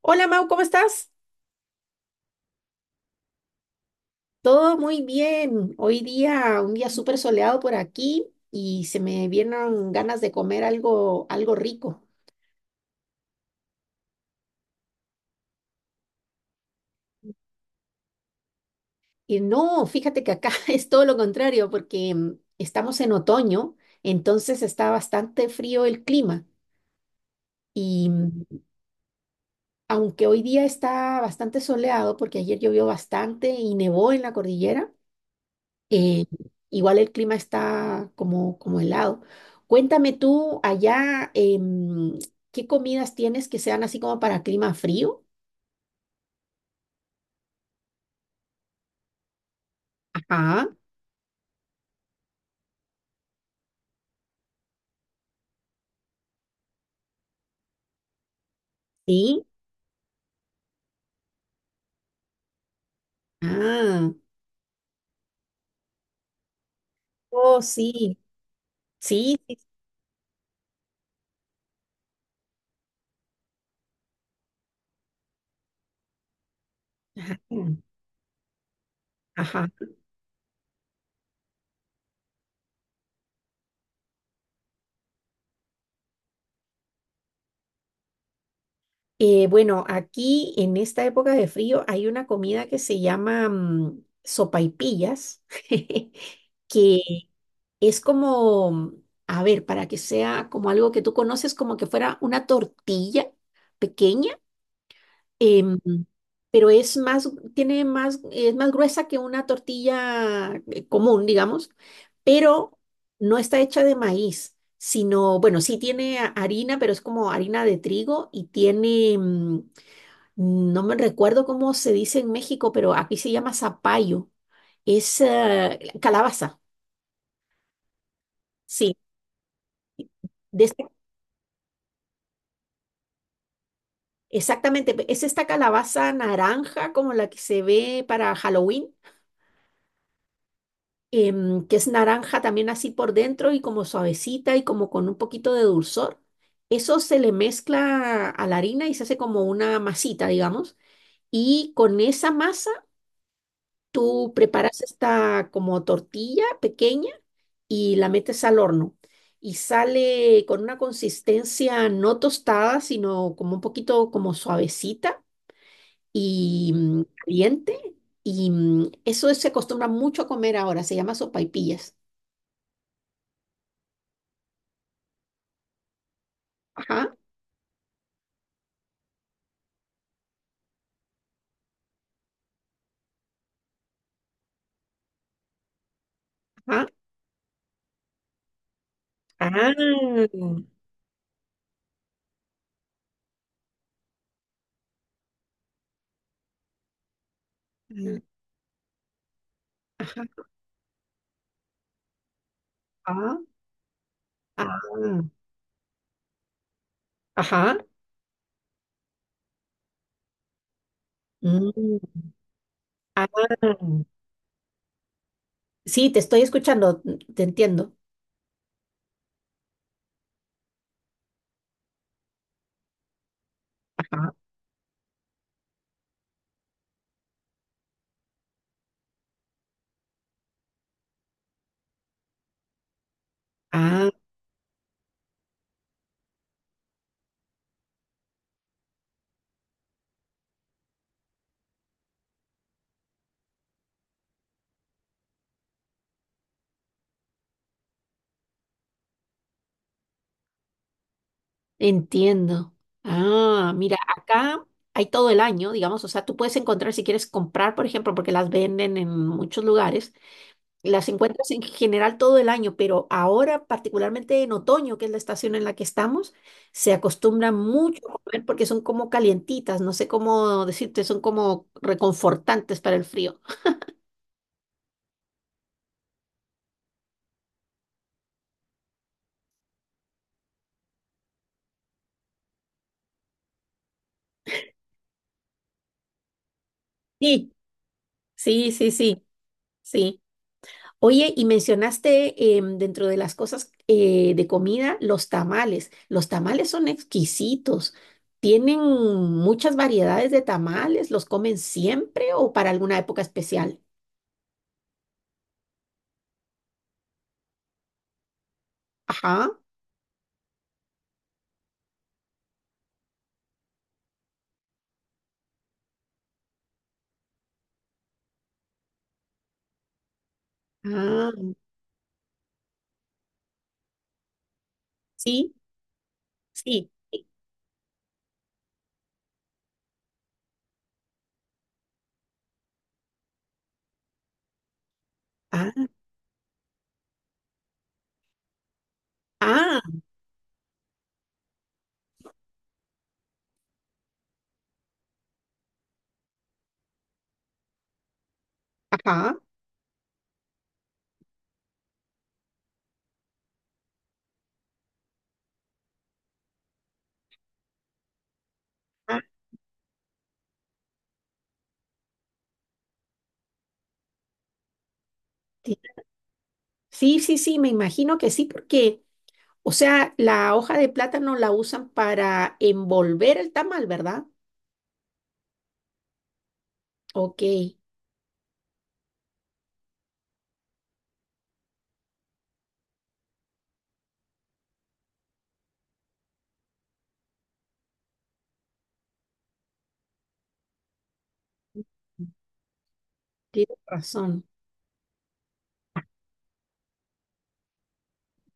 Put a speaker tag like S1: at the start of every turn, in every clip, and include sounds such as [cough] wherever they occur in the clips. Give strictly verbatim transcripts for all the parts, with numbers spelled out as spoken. S1: Hola Mau, ¿cómo estás? Todo muy bien. Hoy día, un día súper soleado por aquí y se me vieron ganas de comer algo, algo rico. Y no, fíjate que acá [laughs] es todo lo contrario porque mm, estamos en otoño, entonces está bastante frío el clima. Y mm, Aunque hoy día está bastante soleado porque ayer llovió bastante y nevó en la cordillera. Eh, Igual el clima está como, como helado. Cuéntame tú allá. Em, ¿qué comidas tienes que sean así como para clima frío? Ajá, sí. Ah, oh, sí. Sí, sí, sí, ajá, ajá. Eh, bueno, aquí en esta época de frío hay una comida que se llama mm, sopaipillas, [laughs] que es como, a ver, para que sea como algo que tú conoces, como que fuera una tortilla pequeña. em, pero es más, tiene más, es más gruesa que una tortilla eh, común, digamos, pero no está hecha de maíz, sino, bueno, sí tiene a- harina, pero es como harina de trigo y tiene, mm, no me recuerdo cómo se dice en México, pero aquí se llama zapallo, es eh, calabaza, sí. De Exactamente, pe- es esta calabaza naranja como la que se ve para Halloween, em, que es naranja también así por dentro y como suavecita y como con un poquito de dulzor. Eso se le mezcla a la harina y se hace como una masita, digamos. Y con esa masa tú preparas esta como tortilla pequeña y la metes al horno. Y sale con una consistencia no tostada, sino como un poquito como suavecita y mm, caliente. Y mm, eso se acostumbra mucho a comer ahora, se llama sopaipillas. Ajá, ajá, ah, mm, ajá, ah, ah, ajá, mm, ah. Sí, te estoy escuchando, mm, te entiendo. Ajá, ah, entiendo. Ah, mira, acá hay todo el año, digamos, o sea, tú puedes encontrar si quieres comprar, por ejemplo, porque las venden en muchos lugares. Las encuentras en general todo el año, pero ahora, particularmente en otoño, que es la estación en la que estamos, se acostumbran mucho a comer porque son como calientitas, no sé cómo decirte, son como reconfortantes para el frío. Sí, sí, sí, sí, sí. Oye, y mencionaste em, dentro de las cosas eh, de comida, los tamales. Los tamales son exquisitos. ¿Tienen muchas variedades de tamales? ¿Los comen siempre o para alguna época especial? Ajá. Ah. Sí, sí, sí. Ah, ah, ajá, ah, ti- sí, sí, sí, me imagino que sí, porque, o sea, la hoja de plátano la usan para envolver el tamal, ¿verdad? Ok, tienes razón.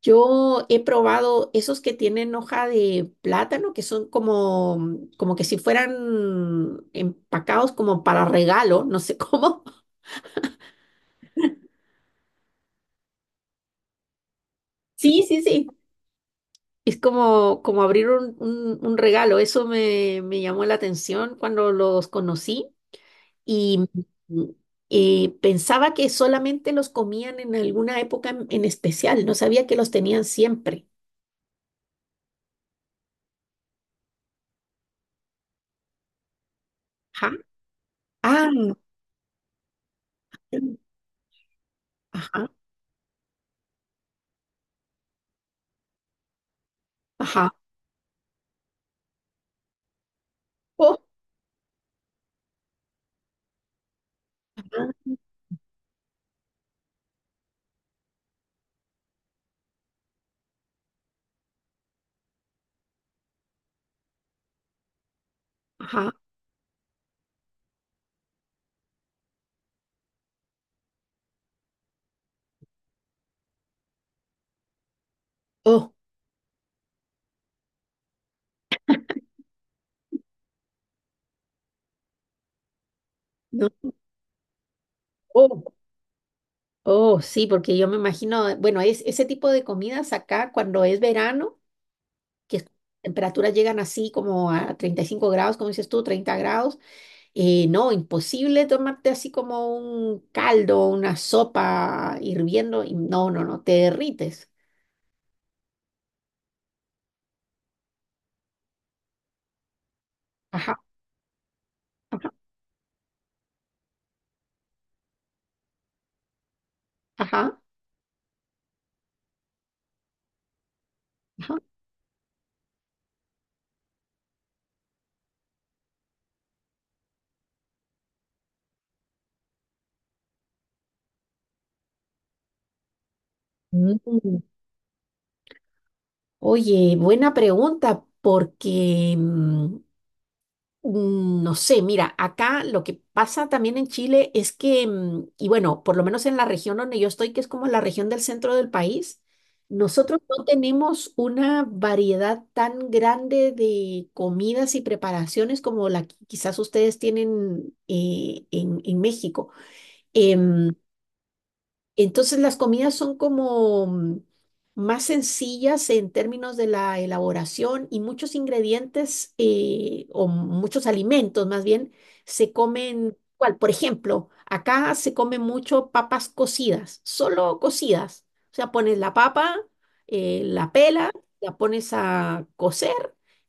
S1: Yo he probado esos que tienen hoja de plátano, que son como, como que si fueran empacados como para regalo, no sé cómo. [laughs] Sí, sí, sí. Es como, como abrir un, un- un regalo. Eso me, me llamó la atención cuando los conocí y, y pensaba que solamente los comían en alguna época en, en especial. No sabía que los tenían siempre. Ajá. Ah, ajá, ajá. Oh, ajá, ajá. Oh, no. Oh, oh, sí, porque yo me imagino, eh, bueno, es, ese tipo de comidas acá cuando es verano, que temperaturas llegan así como a treinta y cinco grados, como dices tú, treinta grados. Eh, no, imposible tomarte así como un caldo, una sopa hirviendo. y No, no, no, te derrites. Ajá, ajá, ajá, ajá. Mm. Oye, buena pregunta, porque mm, Mm, no sé, mira, acá lo que pasa también en Chile es que, mm, y bueno, por lo menos en la región donde yo estoy, que es como la región del centro del país, nosotros no tenemos una variedad tan grande de comidas y preparaciones como la que quizás ustedes tienen eh, en, en México. Em, entonces las comidas son como mm, más sencillas en términos de la elaboración y muchos ingredientes eh, o muchos alimentos más bien se comen igual. Por ejemplo, acá se come mucho papas cocidas, solo cocidas. O sea, pones la papa, eh, la pela, la pones a cocer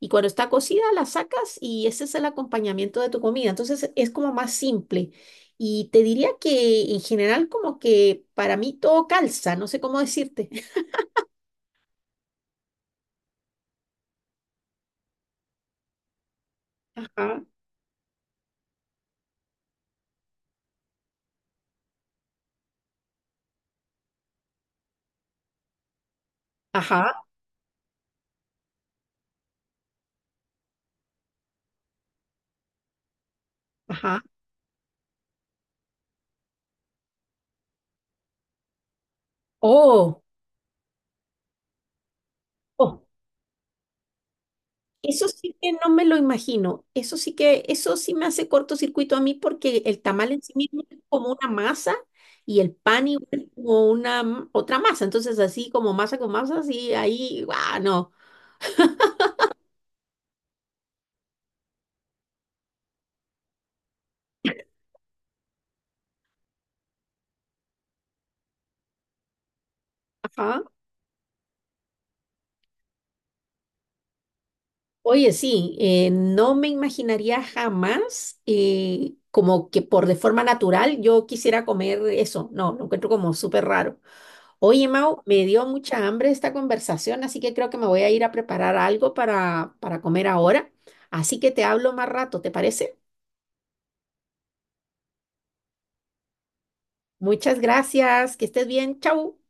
S1: y cuando está cocida la sacas y ese es el acompañamiento de tu comida. Entonces es como más simple. Y te diría que en general como que para mí todo calza, no sé cómo decirte. Ajá, ajá, ajá. Oh, oh, eso sí que no me lo imagino. Eso sí que, eso sí me hace cortocircuito a mí porque el tamal en sí mismo es como una masa y el pan igual es como una m- otra masa. Entonces así como masa con masa, así ahí, guau, no. Ajá. Oye, sí, eh, no me imaginaría jamás eh, como que por de forma natural yo quisiera comer eso. No, lo encuentro como súper raro. Oye, Mau, me dio mucha hambre esta conversación, así que creo que me voy a ir a preparar algo para, para comer ahora. Así que te hablo más rato, ¿te parece? Muchas gracias, que estés bien, chau.